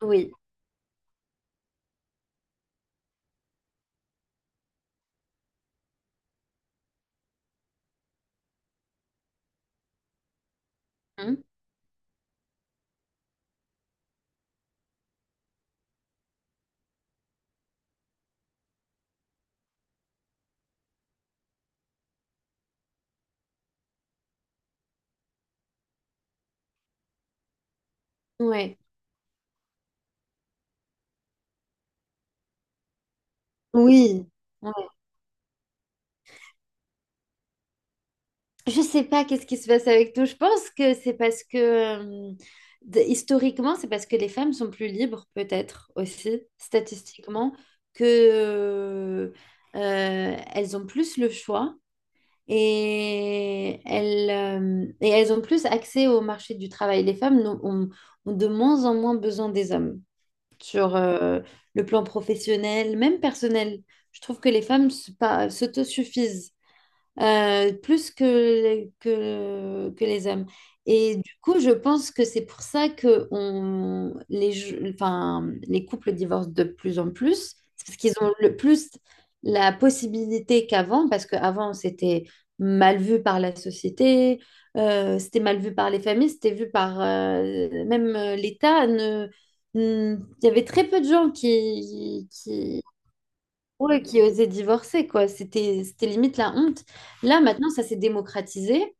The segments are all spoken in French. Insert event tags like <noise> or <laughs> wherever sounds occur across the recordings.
Oui. Hmm. Ouais, oui. Ouais. Je sais pas qu'est-ce qui se passe avec nous. Je pense que c'est parce que historiquement, c'est parce que les femmes sont plus libres, peut-être aussi, statistiquement, que elles ont plus le choix et et elles ont plus accès au marché du travail. Les ont, ont de moins en moins besoin des hommes sur le plan professionnel, même personnel. Je trouve que les femmes se- pas- s'autosuffisent plus que les hommes. Et du coup, je pense que c'est pour ça que on, les, je- enfin, les couples divorcent de plus en plus. C'est parce qu'ils ont le plus la possibilité qu'avant, parce qu'avant, c'était mal vu par la société, c'était mal vu par les familles, c'était vu par même l'État. Ne- Il y avait très peu de gens qui ouais, qui osaient divorcer, quoi. C'était limite la honte. Là, maintenant, ça s'est démocratisé.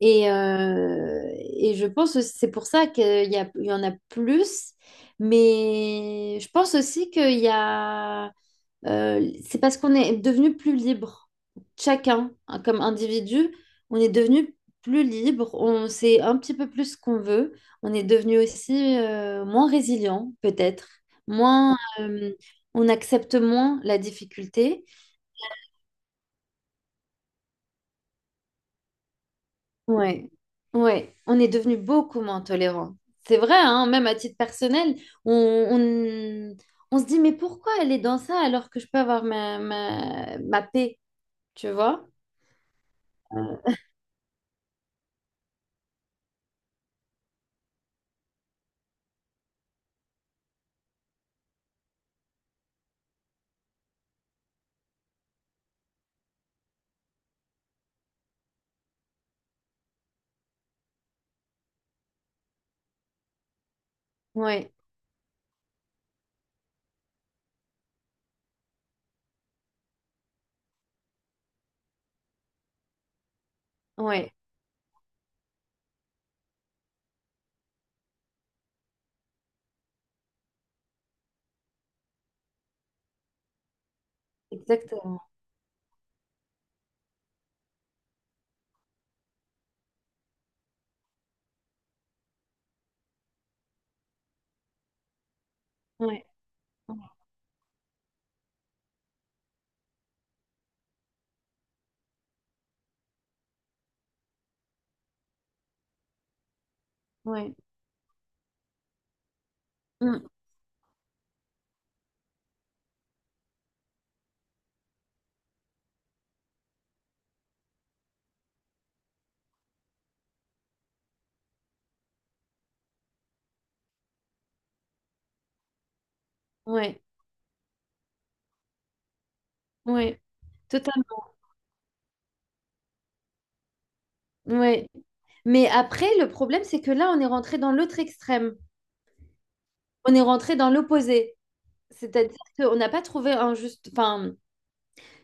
Et, euh, et je pense que c'est pour ça il y en a plus. Mais je pense aussi qu'il y a... C'est parce qu'on est devenu plus libre. Chacun, hein, comme individu, on est devenu plus libre, on sait un petit peu plus ce qu'on veut, on est devenu aussi moins résilient, peut-être, moins, euh, on accepte moins la difficulté. Ouais, ouais, on est devenu beaucoup moins tolérant. C'est vrai, hein, même à titre personnel, on, on, on se dit, mais pourquoi elle est dans ça alors que je peux avoir ma paix, tu vois? Ouais, ouais. Exactement. Ouais. Ouais. Mm. Ouais. Ouais. Totalement. Ouais. Mais après, le problème, c'est que là, on est rentré dans l'autre extrême. On est rentré dans l'opposé. C'est-à-dire qu'on n'a pas trouvé un juste... Enfin,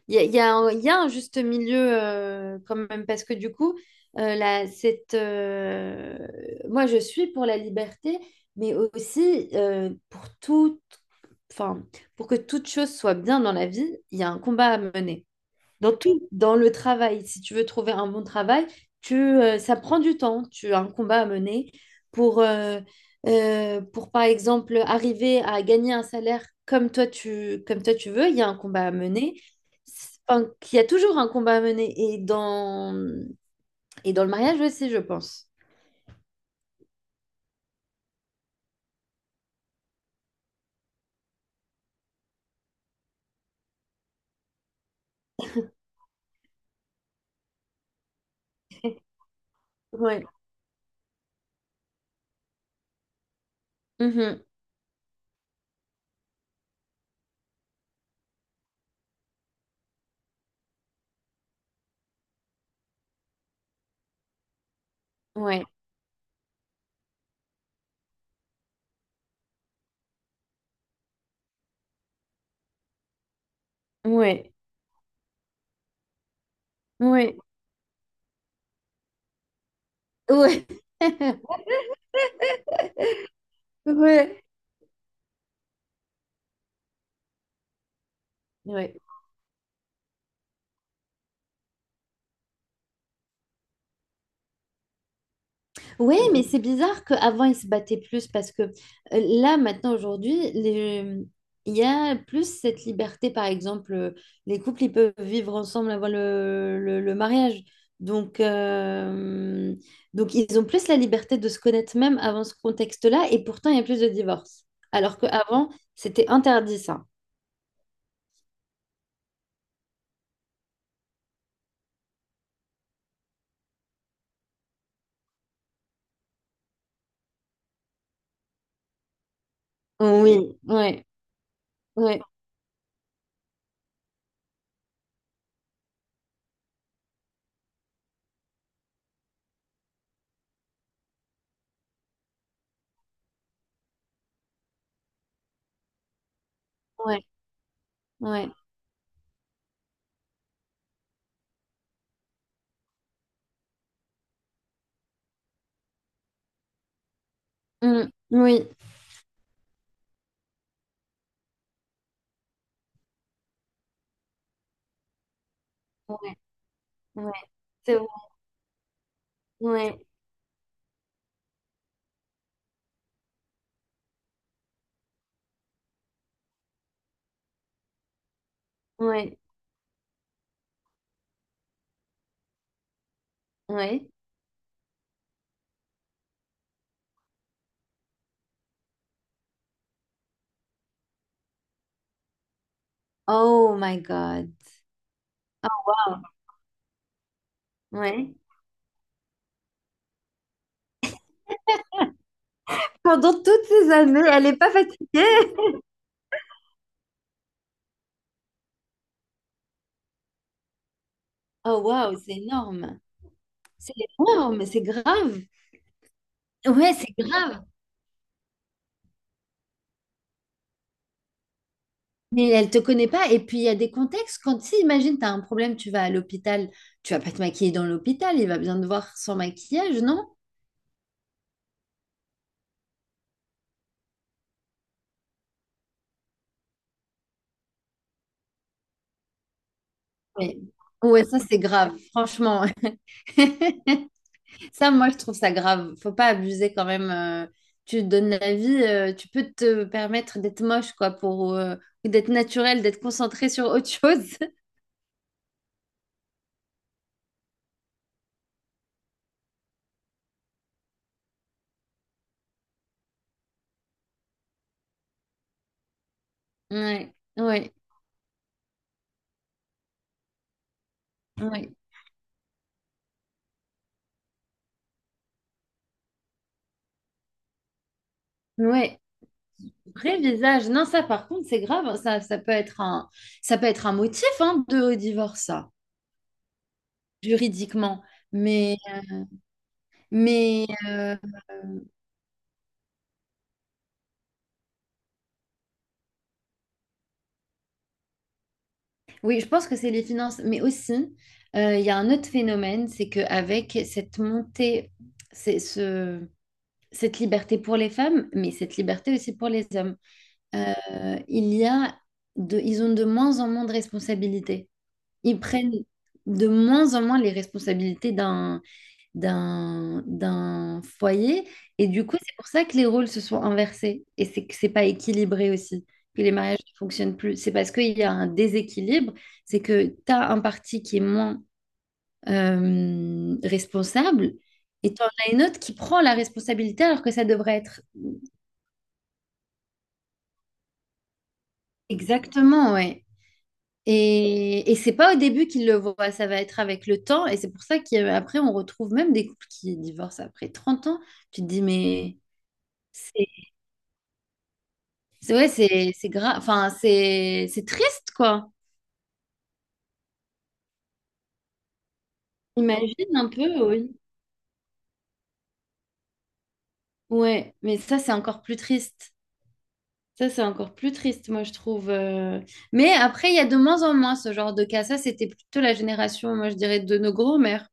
il y a, il y a un juste milieu quand même, parce que du coup, euh, la- cette, euh, moi, je suis pour la liberté, mais aussi pour tout... Enfin, pour que toute chose soit bien dans la vie, il y a un combat à mener. Dans tout, dans le travail, si tu veux trouver un bon travail, ça prend du temps, tu as un combat à mener pour, euh, pour, par exemple, arriver à gagner un salaire comme toi tu veux, il y a un combat à mener. C'est... Enfin, il y a toujours un combat à mener. Et dans le mariage aussi, je pense. Ouais. Mhm. Ouais. Ouais. Ouais. Ouais. <laughs> Ouais. Ouais. Oui, mais c'est bizarre qu'avant, ils se battaient plus parce que là, maintenant, aujourd'hui, il y a plus cette liberté. Par exemple, les couples, ils peuvent vivre ensemble avant le mariage. Donc, euh, donc, ils ont plus la liberté de se connaître même avant ce contexte-là. Et pourtant, il y a plus de divorces. Alors qu'avant, c'était interdit, ça. Oui, ouais, ouais, ouais, ouais. Mm, oui, ouais, ouais, c'est vrai. Ouais, ouais, ouais. Oh my God. Wow. Ouais. Pendant toutes ces années, elle n'est pas fatiguée. Oh wow, c'est énorme. C'est énorme, c'est grave. Ouais, c'est grave. Mais elle te connaît pas. Et puis, il y a des contextes. Quand, si, imagine, tu as un problème, tu vas à l'hôpital. Tu vas pas te maquiller dans l'hôpital. Il va bien te voir sans maquillage, non? Mais... Ouais, ça, c'est grave. Franchement. <laughs> Ça, moi, je trouve ça grave. Faut pas abuser quand même. Tu te donnes la vie. Tu peux te permettre d'être moche, quoi, ou d'être naturel, d'être concentré sur autre chose. <laughs> Ouais, ouais, ouais. Ouais. Vrai visage. Non, ça, par contre, c'est grave, hein. Ça peut être un, ça peut être un motif, hein, de divorce, ça, juridiquement. Mais, mais oui, je pense que c'est les finances. Mais aussi, il y a un autre phénomène, c'est qu'avec cette montée, c'est ce, cette liberté pour les femmes, mais cette liberté aussi pour les hommes, euh, il y a de, ils ont de moins en moins de responsabilités. Ils prennent de moins en moins les responsabilités d'un foyer. Et du coup, c'est pour ça que les rôles se sont inversés. Et c'est que c'est pas équilibré aussi. Que les mariages ne fonctionnent plus. C'est parce qu'il y a un déséquilibre. C'est que tu as un parti qui est moins responsable et tu en as une autre qui prend la responsabilité alors que ça devrait être exactement, ouais. Et c'est pas au début qu'ils le voient, ça va être avec le temps. Et c'est pour ça qu'après, on retrouve même des couples qui divorcent après 30 ans. Tu te dis, mais c'est C'est ouais, c'est grave. Enfin, c'est triste, quoi. Imagine un peu, oui. Ouais, mais ça, c'est encore plus triste. Ça, c'est encore plus triste, moi, je trouve. Mais après, il y a de moins en moins ce genre de cas. Ça, c'était plutôt la génération, moi, je dirais, de nos grands-mères.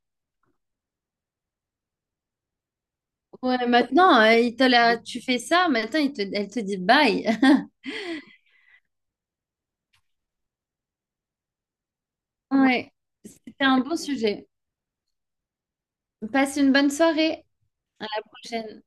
Ouais, maintenant, tu fais ça, maintenant, elle te dit bye. <laughs> Ouais, c'était un bon sujet. Passe une bonne soirée. À la prochaine.